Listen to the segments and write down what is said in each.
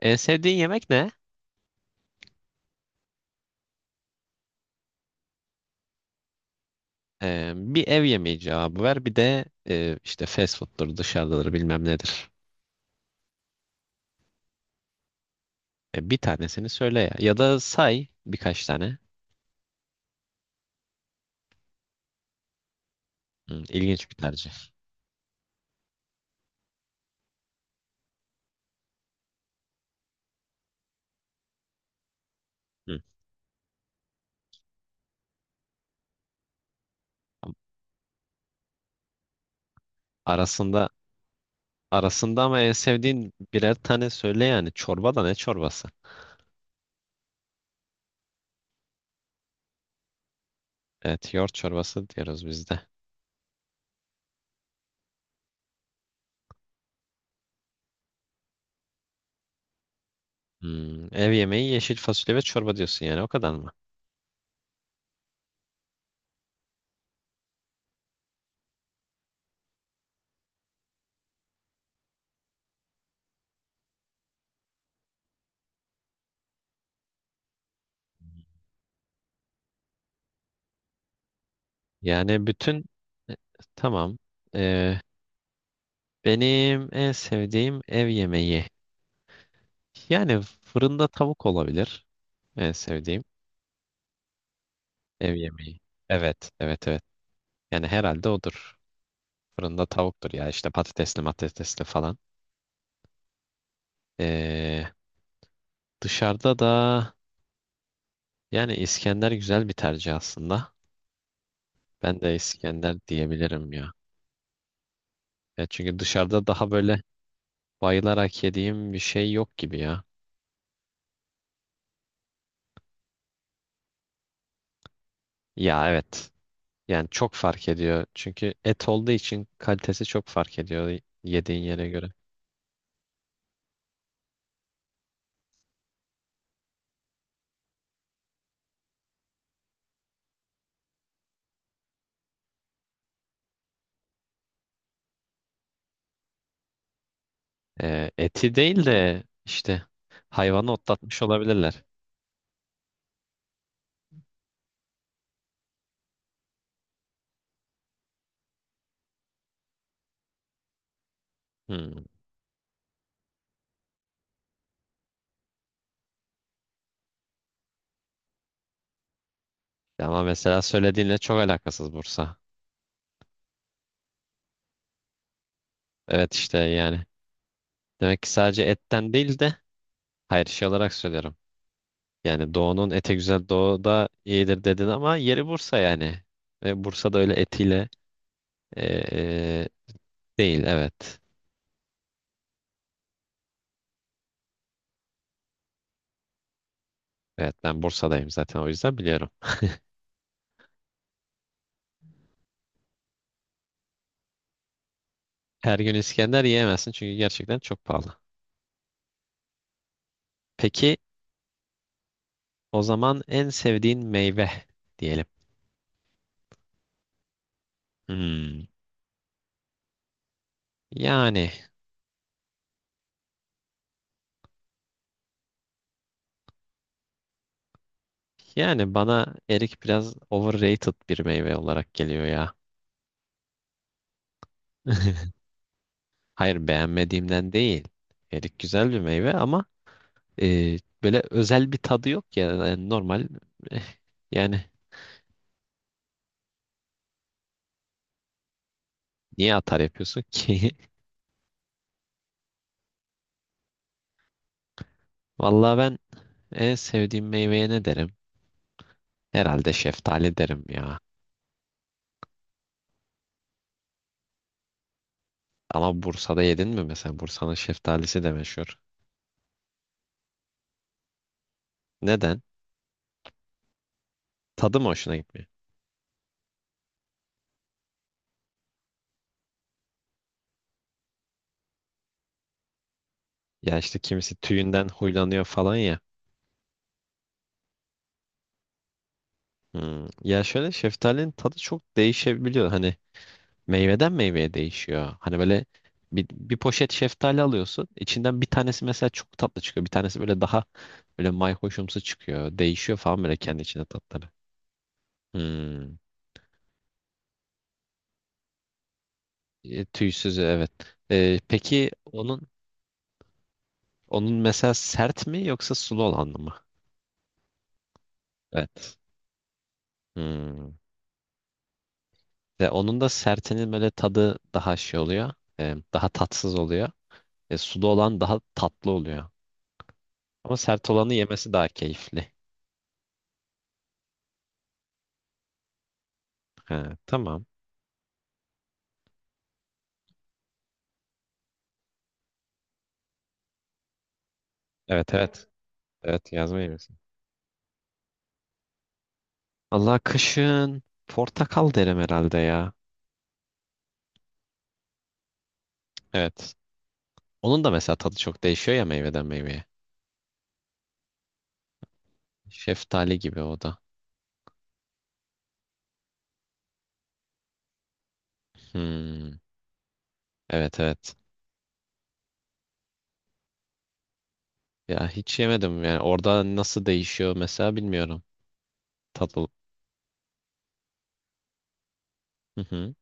En sevdiğin yemek ne? Bir ev yemeği cevabı ver. Bir de işte fast food'dur, dışarıdadır, bilmem nedir. Bir tanesini söyle ya. Ya da say birkaç tane. Hı, ilginç bir tercih. Hı. Arasında arasında ama en sevdiğin birer tane söyle yani. Çorba da ne çorbası? Evet, yoğurt çorbası diyoruz biz de. Hmm, ev yemeği yeşil fasulye ve çorba diyorsun yani o kadar mı? Yani bütün e, tamam. Ee, benim en sevdiğim ev yemeği. Yani fırında tavuk olabilir. En sevdiğim ev yemeği. Evet, evet, evet. Yani herhalde odur. Fırında tavuktur ya işte patatesli matatesli falan. Ee, dışarıda da yani İskender güzel bir tercih aslında. Ben de İskender diyebilirim ya. Ya çünkü dışarıda daha böyle bayılarak yediğim bir şey yok gibi ya. Ya, evet. Yani çok fark ediyor. Çünkü et olduğu için kalitesi çok fark ediyor yediğin yere göre. Eti değil de işte hayvanı otlatmış olabilirler. Hmm. Ama mesela söylediğinle çok alakasız Bursa. Evet işte yani. Demek ki sadece etten değil de hayır şey olarak söylüyorum. Yani doğunun ete güzel doğu da iyidir dedin ama yeri Bursa yani. Ve Bursa'da öyle etiyle e, e, değil, evet. Evet ben Bursa'dayım zaten o yüzden biliyorum. Her gün İskender yiyemezsin çünkü gerçekten çok pahalı. Peki o zaman en sevdiğin meyve diyelim. Hmm. Yani yani bana erik biraz overrated bir meyve olarak geliyor ya. Hayır beğenmediğimden değil. Erik güzel bir meyve ama e, böyle özel bir tadı yok ya. Yani normal eh, yani niye atar yapıyorsun ki? Vallahi ben en sevdiğim meyveye ne derim? Herhalde şeftali derim ya. Ama Bursa'da yedin mi mesela? Bursa'nın şeftalisi de meşhur. Neden? Tadı mı hoşuna gitmiyor? Ya işte kimisi tüyünden huylanıyor falan ya. Hmm. Ya şöyle şeftalinin tadı çok değişebiliyor. Hani meyveden meyveye değişiyor. Hani böyle bir poşet şeftali alıyorsun. İçinden bir tanesi mesela çok tatlı çıkıyor. Bir tanesi böyle daha böyle mayhoşumsu çıkıyor. Değişiyor falan böyle kendi içinde tatları. Hmm. Tüysüzü evet. Peki onun mesela sert mi yoksa sulu olan mı? Evet. Hmm. Ve onun da sertinin böyle tadı daha şey oluyor. Daha tatsız oluyor. Sulu olan daha tatlı oluyor. Ama sert olanı yemesi daha keyifli. Ha, tamam. Evet, evet. Evet yazmayı yemesi. Allah kışın portakal derim herhalde ya. Evet. Onun da mesela tadı çok değişiyor ya meyveden meyveye. Şeftali gibi o da. Hmm. Evet, evet. Ya hiç yemedim yani orada nasıl değişiyor mesela bilmiyorum. Tadı. Hı hı.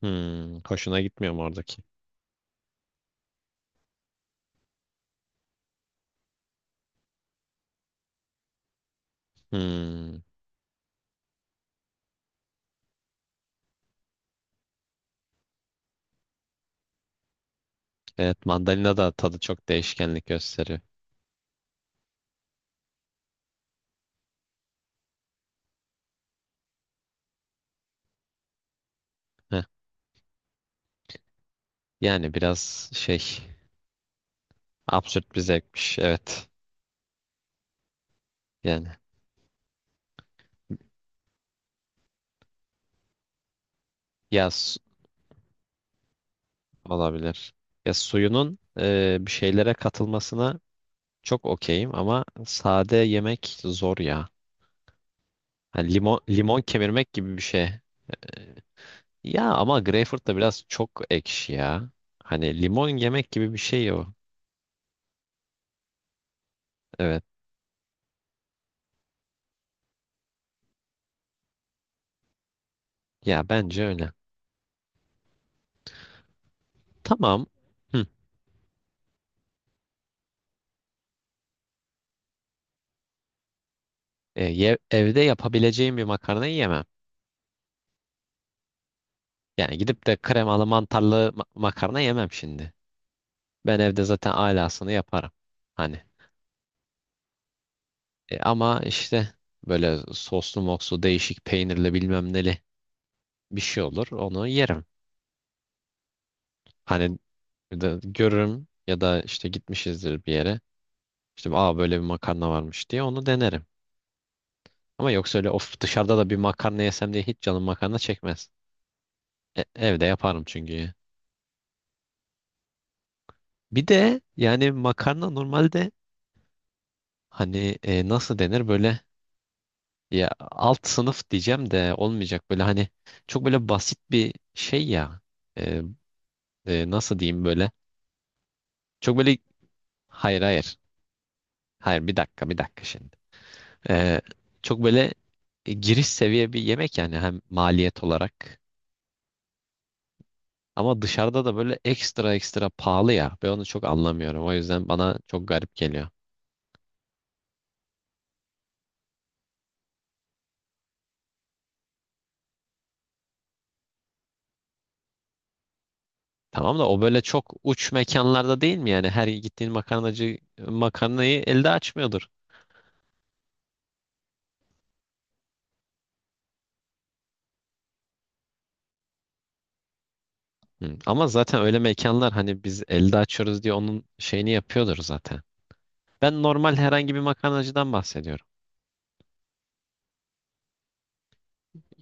Hmm. Hoşuna gitmiyor mu oradaki? Hmm. Evet, mandalina da tadı çok değişkenlik gösteriyor. Heh. Yani biraz şey absürt bir zevkmiş, evet. Yani ya olabilir. Ya suyunun bir şeylere katılmasına çok okeyim ama sade yemek zor ya. Hani limon limon kemirmek gibi bir şey. Ya ama greyfurt da biraz çok ekşi ya. Hani limon yemek gibi bir şey o. Evet. Ya bence öyle. Tamam. Hı. Evde yapabileceğim bir makarnayı yemem. Yani gidip de kremalı mantarlı makarna yemem şimdi. Ben evde zaten alasını yaparım. Hani. Ama işte böyle soslu mokslu değişik peynirli bilmem neli bir şey olur. Onu yerim. Hani de görürüm ya da işte gitmişizdir bir yere. İşte aa böyle bir makarna varmış diye onu denerim. Ama yoksa öyle of dışarıda da bir makarna yesem diye hiç canım makarna çekmez. Evde yaparım çünkü. Bir de yani makarna normalde hani nasıl denir böyle, ya alt sınıf diyeceğim de olmayacak, böyle hani çok böyle basit bir şey ya. E, nasıl diyeyim böyle, çok böyle, hayır, hayır. Hayır, bir dakika, bir dakika şimdi. Ee, çok böyle giriş seviye bir yemek yani, hem maliyet olarak. Ama dışarıda da böyle ekstra ekstra pahalı ya. Ben onu çok anlamıyorum. O yüzden bana çok garip geliyor. Tamam da o böyle çok uç mekanlarda değil mi yani? Her gittiğin makarnacı makarnayı elde açmıyordur. Hı. Ama zaten öyle mekanlar hani biz elde açıyoruz diye onun şeyini yapıyordur zaten. Ben normal herhangi bir makarnacıdan bahsediyorum.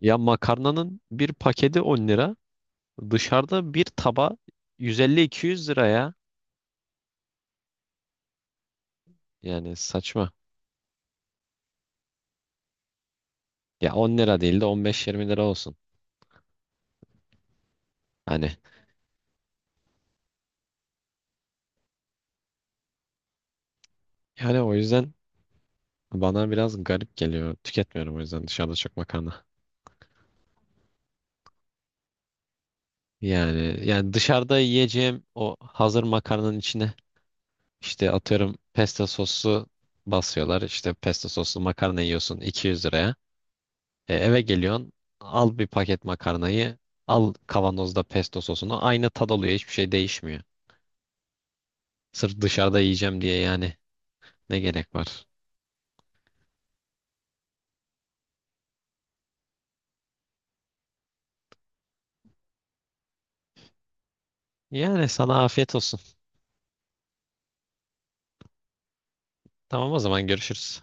Ya, makarnanın bir paketi 10 lira. Dışarıda bir taba 150-200 liraya. Yani saçma. Ya 10 lira değil de 15-20 lira olsun. Hani yani o yüzden bana biraz garip geliyor. Tüketmiyorum o yüzden dışarıda çok makarna. Yani dışarıda yiyeceğim o hazır makarnanın içine, İşte atıyorum, pesto soslu basıyorlar. İşte pesto soslu makarna yiyorsun 200 liraya. Eve geliyorsun, al bir paket makarnayı, al kavanozda pesto sosunu. Aynı tad oluyor, hiçbir şey değişmiyor. Sırf dışarıda yiyeceğim diye yani ne gerek var? Yani sana afiyet olsun. Tamam, o zaman görüşürüz.